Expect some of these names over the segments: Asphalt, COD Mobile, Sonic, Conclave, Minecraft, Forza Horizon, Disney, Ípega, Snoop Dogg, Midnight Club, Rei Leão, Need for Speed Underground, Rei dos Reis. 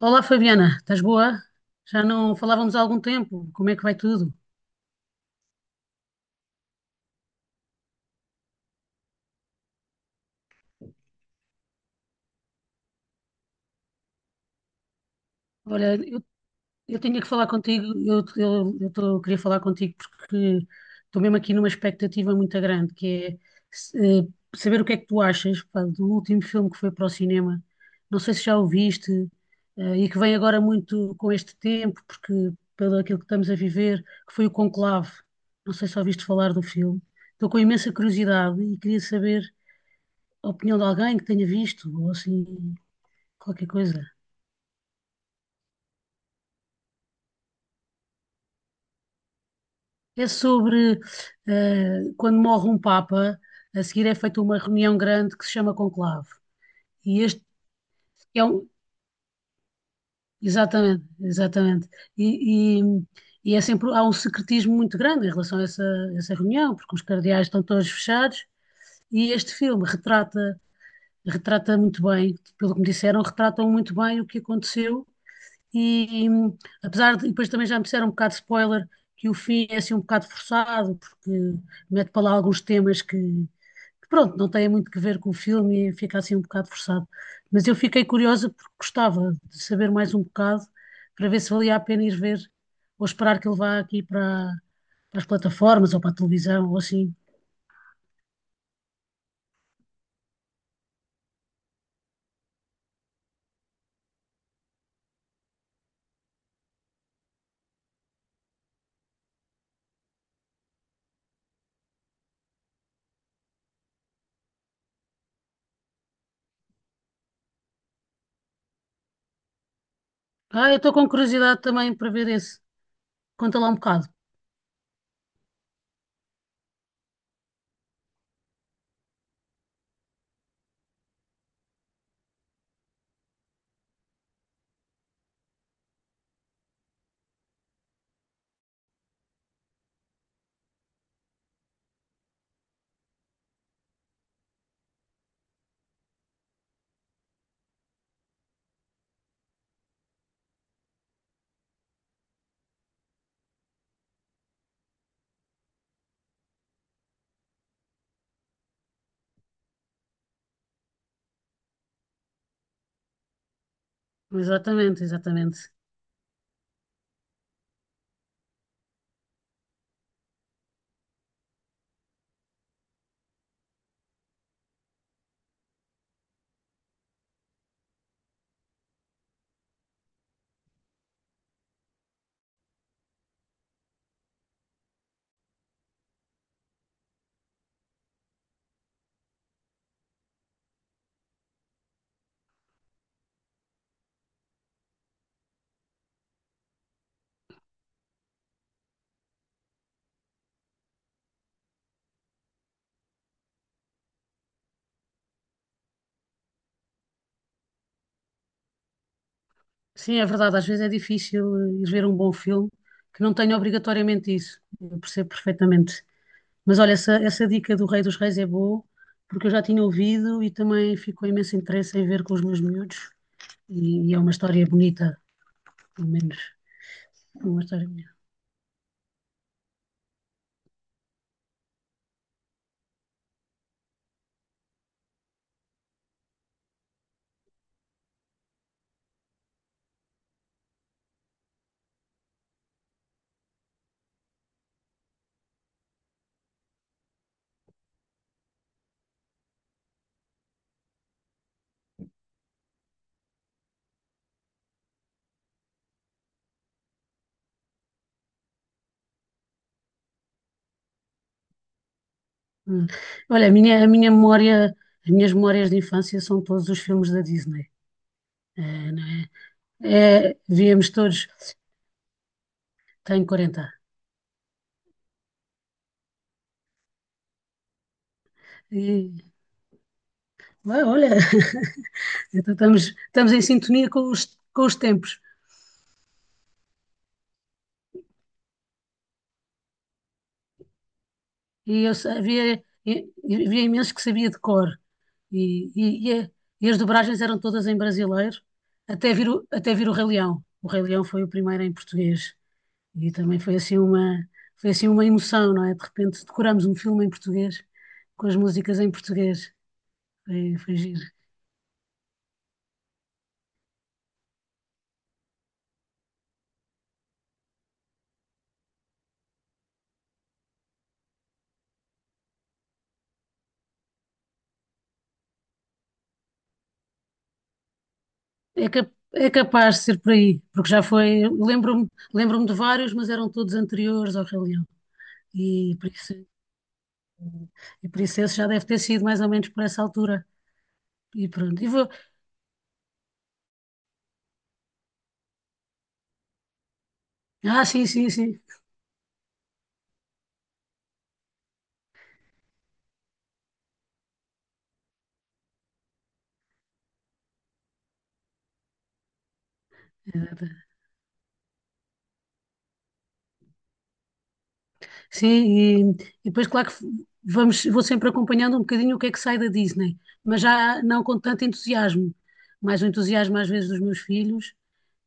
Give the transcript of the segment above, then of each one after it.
Olá Fabiana, estás boa? Já não falávamos há algum tempo, como é que vai tudo? Olha, eu tinha que falar contigo, queria falar contigo porque estou mesmo aqui numa expectativa muito grande, que é se- eh, saber o que é que tu achas, pá, do último filme que foi para o cinema. Não sei se já o viste, e que vem agora muito com este tempo, porque pelo aquilo que estamos a viver, que foi o Conclave. Não sei se ouviste falar do filme. Estou com imensa curiosidade e queria saber a opinião de alguém que tenha visto, ou assim, qualquer coisa. É sobre quando morre um Papa, a seguir é feita uma reunião grande que se chama conclave. E este é um. Exatamente, exatamente. E, e, e é sempre, há um secretismo muito grande em relação a essa, essa reunião, porque os cardeais estão todos fechados, e este filme retrata, retrata muito bem, pelo que me disseram, retratam muito bem o que aconteceu. E apesar de, e depois também já me disseram um bocado de spoiler que o fim é assim um bocado forçado, porque mete para lá alguns temas que, pronto, não têm muito que ver com o filme e fica assim um bocado forçado. Mas eu fiquei curiosa porque gostava de saber mais um bocado para ver se valia a pena ir ver ou esperar que ele vá aqui para, para as plataformas ou para a televisão ou assim. Ah, eu estou com curiosidade também para ver esse. Conta lá um bocado. Exatamente, exatamente. Sim, é verdade, às vezes é difícil ir ver um bom filme que não tenha obrigatoriamente isso. Eu percebo perfeitamente. Mas olha, essa dica do Rei dos Reis é boa, porque eu já tinha ouvido e também ficou imenso interesse em ver com os meus miúdos. E, e é uma história bonita, pelo menos. É uma história bonita. Hum. Olha, a minha memória, as minhas memórias de infância são todos os filmes da Disney. É, não é? É, víamos todos, tenho 40. E, ah, olha. Então estamos, estamos em sintonia com os tempos. E eu sabia, e havia imenso que sabia de cor. E, e, e, e as dobragens eram todas em brasileiro, até vir, até vir o Rei Leão. O Rei Leão foi o primeiro em português. E também foi assim uma emoção, não é? De repente decoramos um filme em português, com as músicas em português. Foi, foi giro. É, é capaz de ser por aí, porque já foi. Lembro-me de vários, mas eram todos anteriores ao Rei Leão. E por isso. E por isso esse já deve ter sido mais ou menos por essa altura. E pronto. E vou... Ah, sim, sim, sim. Sim, e depois, claro que vamos, vou sempre acompanhando um bocadinho o que é que sai da Disney, mas já não com tanto entusiasmo. Mais o entusiasmo às vezes dos meus filhos,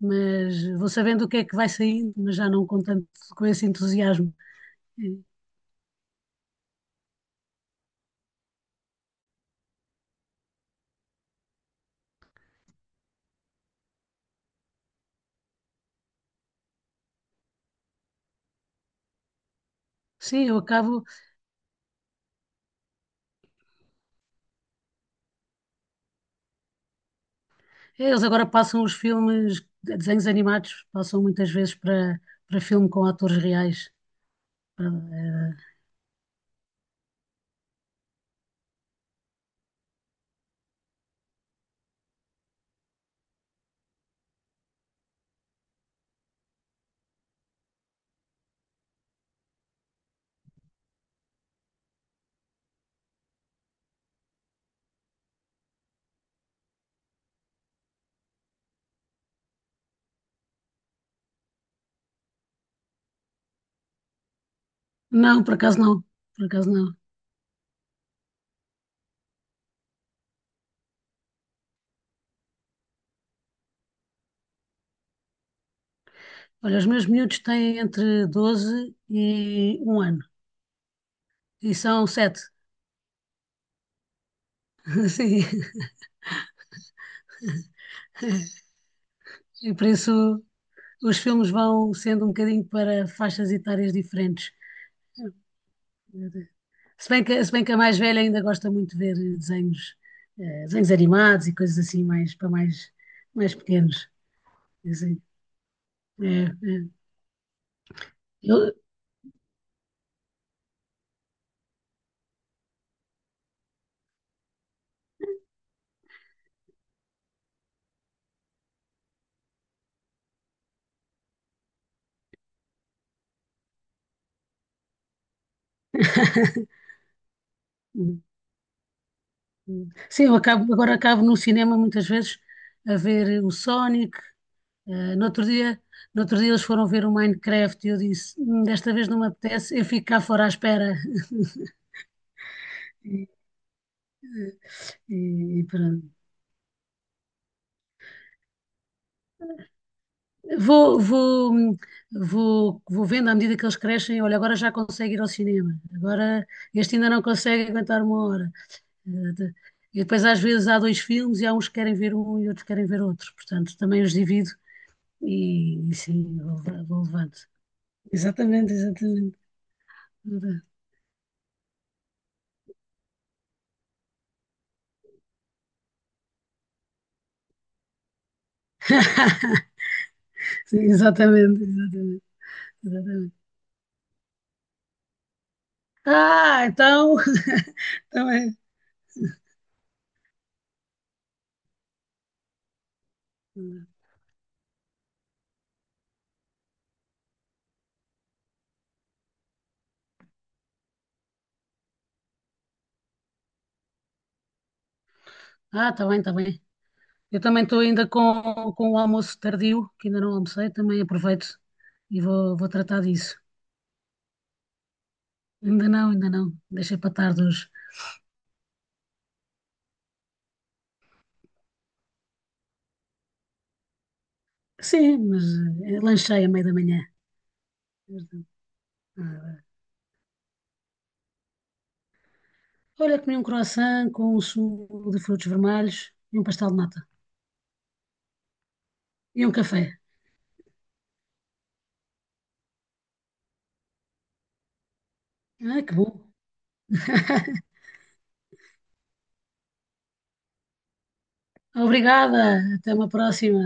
mas vou sabendo o que é que vai saindo, mas já não com tanto com esse entusiasmo. E, sim, eu acabo. É, eles agora passam os filmes, desenhos animados, passam muitas vezes para, para filme com atores reais. Para, não, por acaso não. Por acaso não. Olha, os meus miúdos têm entre 12 e um ano. E são sete. Sim. E por isso os filmes vão sendo um bocadinho para faixas etárias diferentes. Se bem que, se bem que a mais velha ainda gosta muito de ver desenhos, desenhos animados e coisas assim mais para mais, mais pequenos. Assim, é, é. Eu- Sim, eu acabo, agora acabo no cinema muitas vezes a ver o Sonic. No outro dia, no outro dia eles foram ver o Minecraft e eu disse, desta vez não me apetece, eu fico cá fora à espera." E, e pronto. Vou, vou, hum, vou, vou vendo à medida que eles crescem. Olha, agora já consegue ir ao cinema. Agora este ainda não consegue aguentar uma hora. Eh, de- E depois às vezes há dois filmes e há uns que querem ver um e outros querem ver outro. Portanto, também os divido e sim, vou, vou levando. Exatamente, exatamente. Sim, exatamente, exatamente. Exatamente. Ah, então. Também. Ah, está bem, está bem. Eu também estou ainda com o almoço tardio, que ainda não almocei, também aproveito e vou, vou tratar disso. Ainda não, ainda não. Deixei para tarde hoje. Sim, mas lanchei a meio da manhã. Ah, olha, comi um croissant com um sumo de frutos vermelhos e um pastel de nata. E um café. Ah, que bom. Obrigada. Até uma próxima.